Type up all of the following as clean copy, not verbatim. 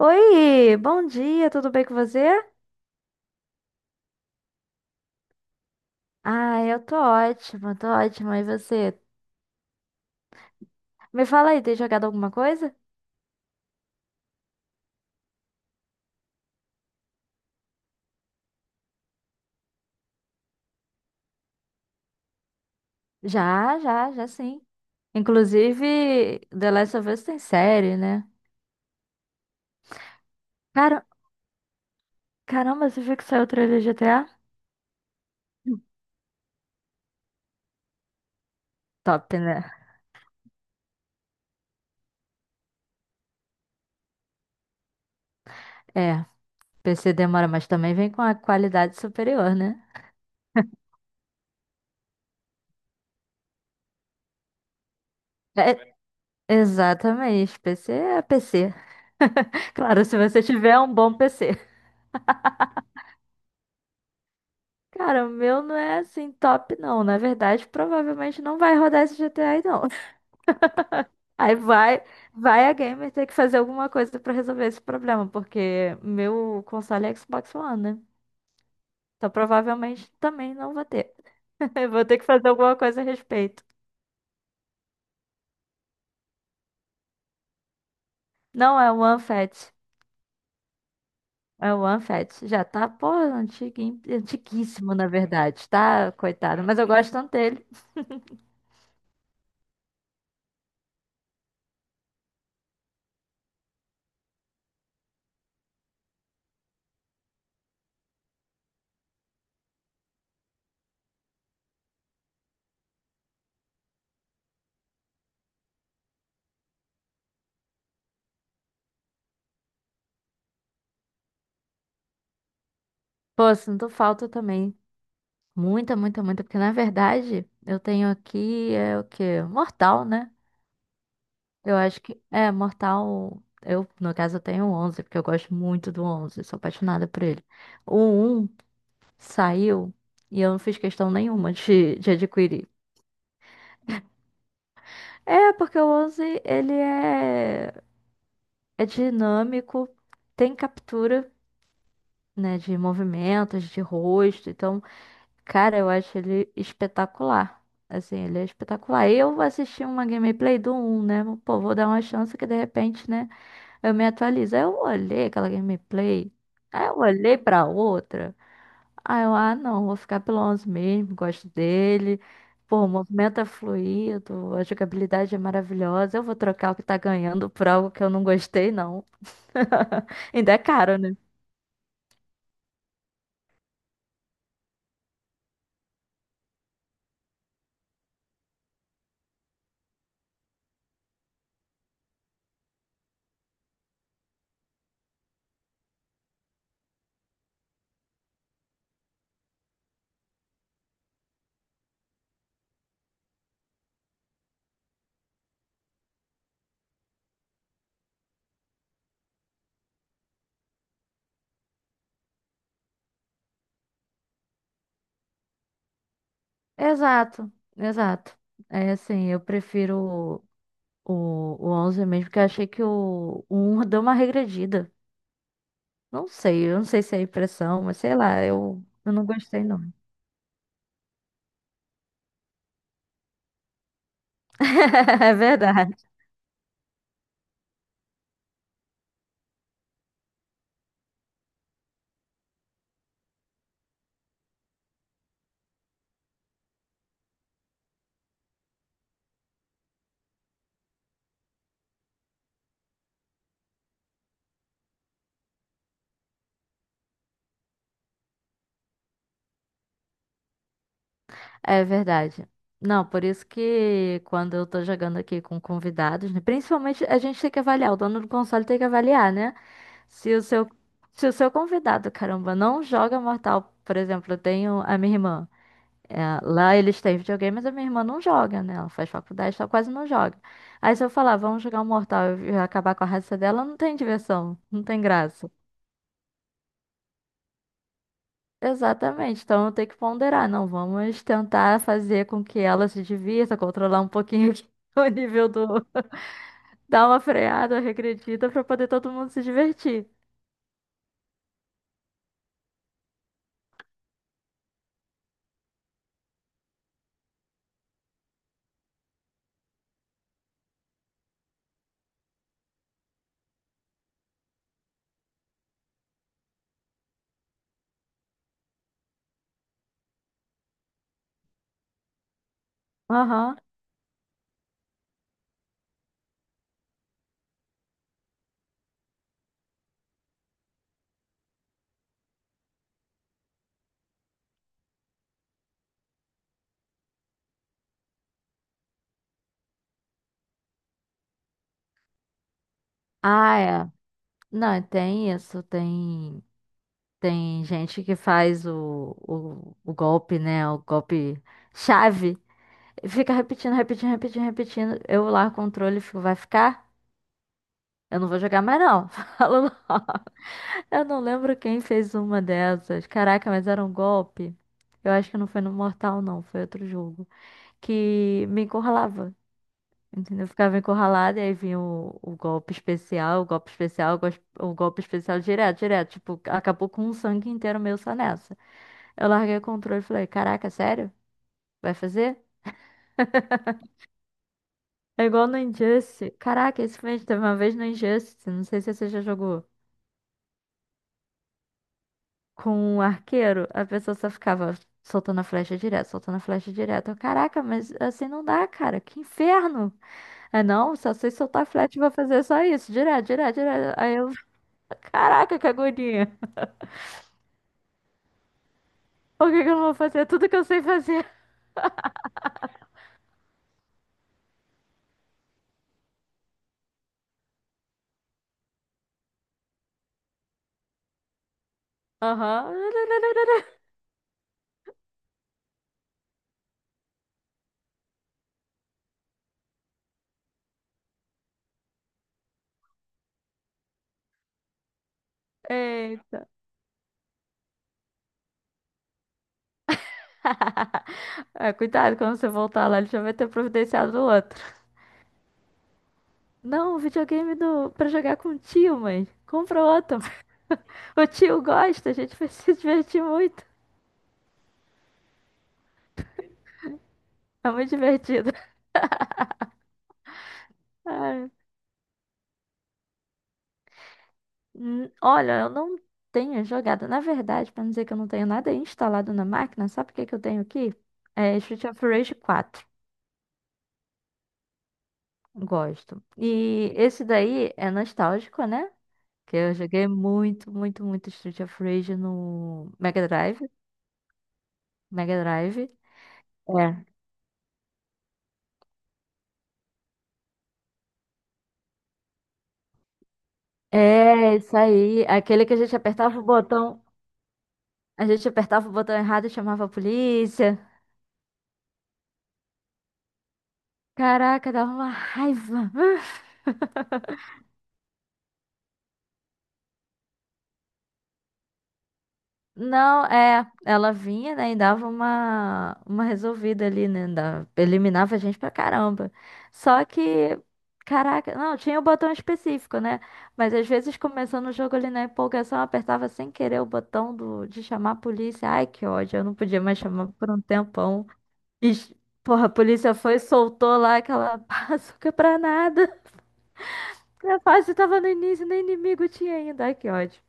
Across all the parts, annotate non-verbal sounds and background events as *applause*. Oi, bom dia, tudo bem com você? Ah, eu tô ótima, tô ótima. E você? Me fala aí, tem jogado alguma coisa? Já, já, já sim. Inclusive, The Last of Us tem série, né? Cara, caramba, você viu que saiu o trailer de GTA? Top, né? É, PC demora, mas também vem com a qualidade superior, né? É, exatamente, PC é PC. *laughs* Claro, se você tiver um bom PC. Cara, o meu não é assim top, não. Na verdade, provavelmente não vai rodar esse GTA, aí, não. *laughs* Aí vai a gamer ter que fazer alguma coisa pra resolver esse problema, porque meu console é Xbox One, né? Então provavelmente também não vou ter. *laughs* Eu vou ter que fazer alguma coisa a respeito. Não é o One OneFat. É o One OneFat. Já tá, pô, antiguinho, antiguíssimo, na verdade, tá? Coitado. Mas eu gosto tanto dele. Pô, sinto falta também. Muita, muita, muita, porque na verdade eu tenho aqui é o quê? Mortal, né? Eu acho que é Mortal. Eu, no caso, eu tenho o 11 porque eu gosto muito do onze, sou apaixonada por ele. O um saiu e eu não fiz questão nenhuma de adquirir. É, porque o 11 ele é, dinâmico, tem captura, né, de movimentos, de rosto. Então, cara, eu acho ele espetacular. Assim, ele é espetacular. Eu assisti uma gameplay do um, né? Pô, vou dar uma chance que de repente, né? Eu me atualizo. Aí eu olhei aquela gameplay. Aí eu olhei pra outra. Aí eu, ah, não, vou ficar pelo 11 mesmo. Gosto dele. Pô, o movimento é fluido. A jogabilidade é maravilhosa. Eu vou trocar o que tá ganhando por algo que eu não gostei, não. *laughs* Ainda é caro, né? Exato, exato. É assim, eu prefiro. O 11 mesmo, porque eu achei que o 1 deu uma regredida. Não sei, eu não sei se é impressão, mas sei lá, eu não gostei não. *laughs* É verdade, é verdade. Não, por isso que quando eu tô jogando aqui com convidados, né, principalmente a gente tem que avaliar, o dono do console tem que avaliar, né? Se o seu, se o seu convidado, caramba, não joga Mortal, por exemplo, eu tenho a minha irmã. É, lá eles têm videogame, mas a minha irmã não joga, né? Ela faz faculdade, só quase não joga. Aí se eu falar, vamos jogar um Mortal e acabar com a raça dela, não tem diversão, não tem graça. Exatamente, então eu tenho que ponderar, não, vamos tentar fazer com que ela se divirta, controlar um pouquinho aqui *laughs* o nível do... Dar uma freada, regredida, pra poder todo mundo se divertir. Aham. Ah, é. Não, tem isso, tem... Tem gente que faz o golpe, né? O golpe chave. Fica repetindo, repetindo, repetindo, repetindo. Eu lá, controle, fico, vai ficar? Eu não vou jogar mais, não. *laughs* Falo, não. Eu não lembro quem fez uma dessas. Caraca, mas era um golpe. Eu acho que não foi no Mortal, não. Foi outro jogo. Que me encurralava. Entendeu? Eu ficava encurralada e aí vinha o golpe especial, o golpe especial, o golpe especial direto, direto. Tipo, acabou com um sangue inteiro meu só nessa. Eu larguei o controle e falei, caraca, sério? Vai fazer? É igual no Injustice. Caraca, esse filme teve uma vez no Injustice, não sei se você já jogou. Com um arqueiro, a pessoa só ficava soltando a flecha direto, soltando a flecha direto. Eu, caraca, mas assim não dá, cara. Que inferno. É não, só sei soltar a flecha e vou fazer só isso. Direto, direto, direto. Aí eu, caraca, que agonia. Por que que eu não vou fazer tudo que eu sei fazer? Aham. *laughs* Eita. É, cuidado, quando você voltar lá, ele já vai ter providenciado o outro. Não, o videogame do... pra jogar com o tio, mãe. Compra outro. O tio gosta, a gente *laughs* vai se divertir muito. É muito divertido. Ai, olha, eu não tenho jogado. Na verdade, pra não dizer que eu não tenho nada instalado na máquina, sabe o que que eu tenho aqui? É Street of Rage 4. Gosto. E esse daí é nostálgico, né? Que eu joguei muito, muito, muito Street of Rage no Mega Drive. Mega Drive. É. É, isso aí. Aquele que a gente apertava o botão. A gente apertava o botão errado e chamava a polícia. Caraca, dava uma raiva. *laughs* Não, é, ela vinha, né, e dava uma, resolvida ali, né, da- eliminava a gente pra caramba. Só que, caraca, não, tinha o botão específico, né, mas às vezes começando o jogo ali na empolgação, eu apertava sem querer o botão de chamar a polícia. Ai, que ódio, eu não podia mais chamar por um tempão. E, porra, a polícia foi e soltou lá aquela *laughs* bazuca pra nada. A fase tava no início, nem inimigo tinha ainda. Ai, que ódio.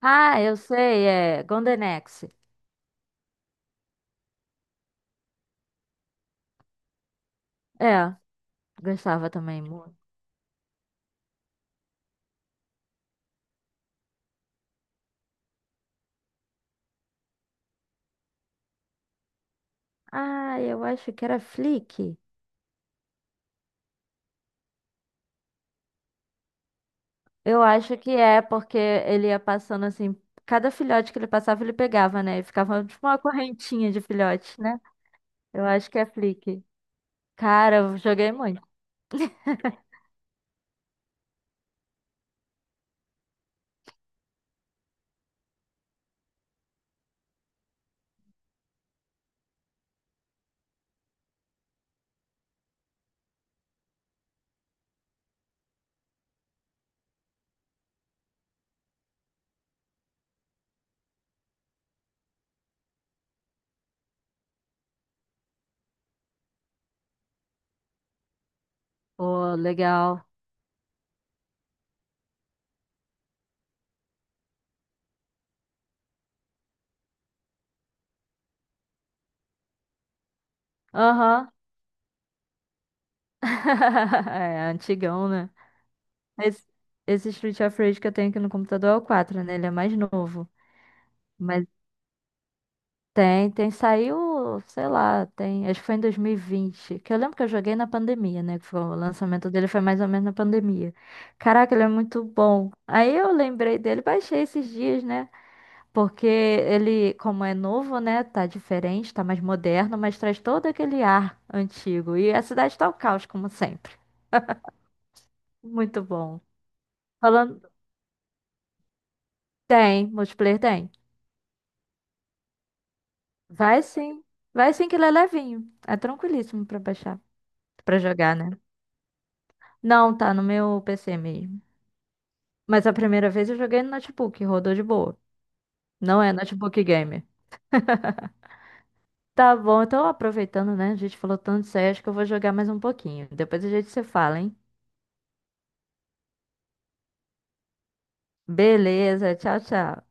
Ah, eu sei, é Gondenex. É, gostava também muito. Ah, eu acho que era Flick. Eu acho que é, porque ele ia passando assim, cada filhote que ele passava, ele pegava, né? E ficava tipo uma correntinha de filhotes, né? Eu acho que é Flick. Cara, eu joguei muito. Pô, legal. Aham. *laughs* É, antigão, né? Esse, esse Street of Rage que eu tenho aqui no computador é o 4, né? Ele é mais novo. Mas saiu, sei lá, tem, acho que foi em 2020, que eu lembro que eu joguei na pandemia, né, que foi, o lançamento dele foi mais ou menos na pandemia. Caraca, ele é muito bom. Aí eu lembrei dele, baixei esses dias, né, porque ele, como é novo, né, tá diferente, tá mais moderno, mas traz todo aquele ar antigo. E a cidade tá o caos, como sempre. Muito bom. Falando, tem, multiplayer tem. Vai sim, vai sim que ele é levinho, é tranquilíssimo pra baixar, pra jogar, né. Não, tá no meu PC mesmo. Mas a primeira vez eu joguei no notebook, rodou de boa. Não é notebook gamer. *laughs* Tá bom, então aproveitando, né? A gente falou tanto de sério, acho que eu vou jogar mais um pouquinho. Depois a gente se fala, hein? Beleza, tchau, tchau.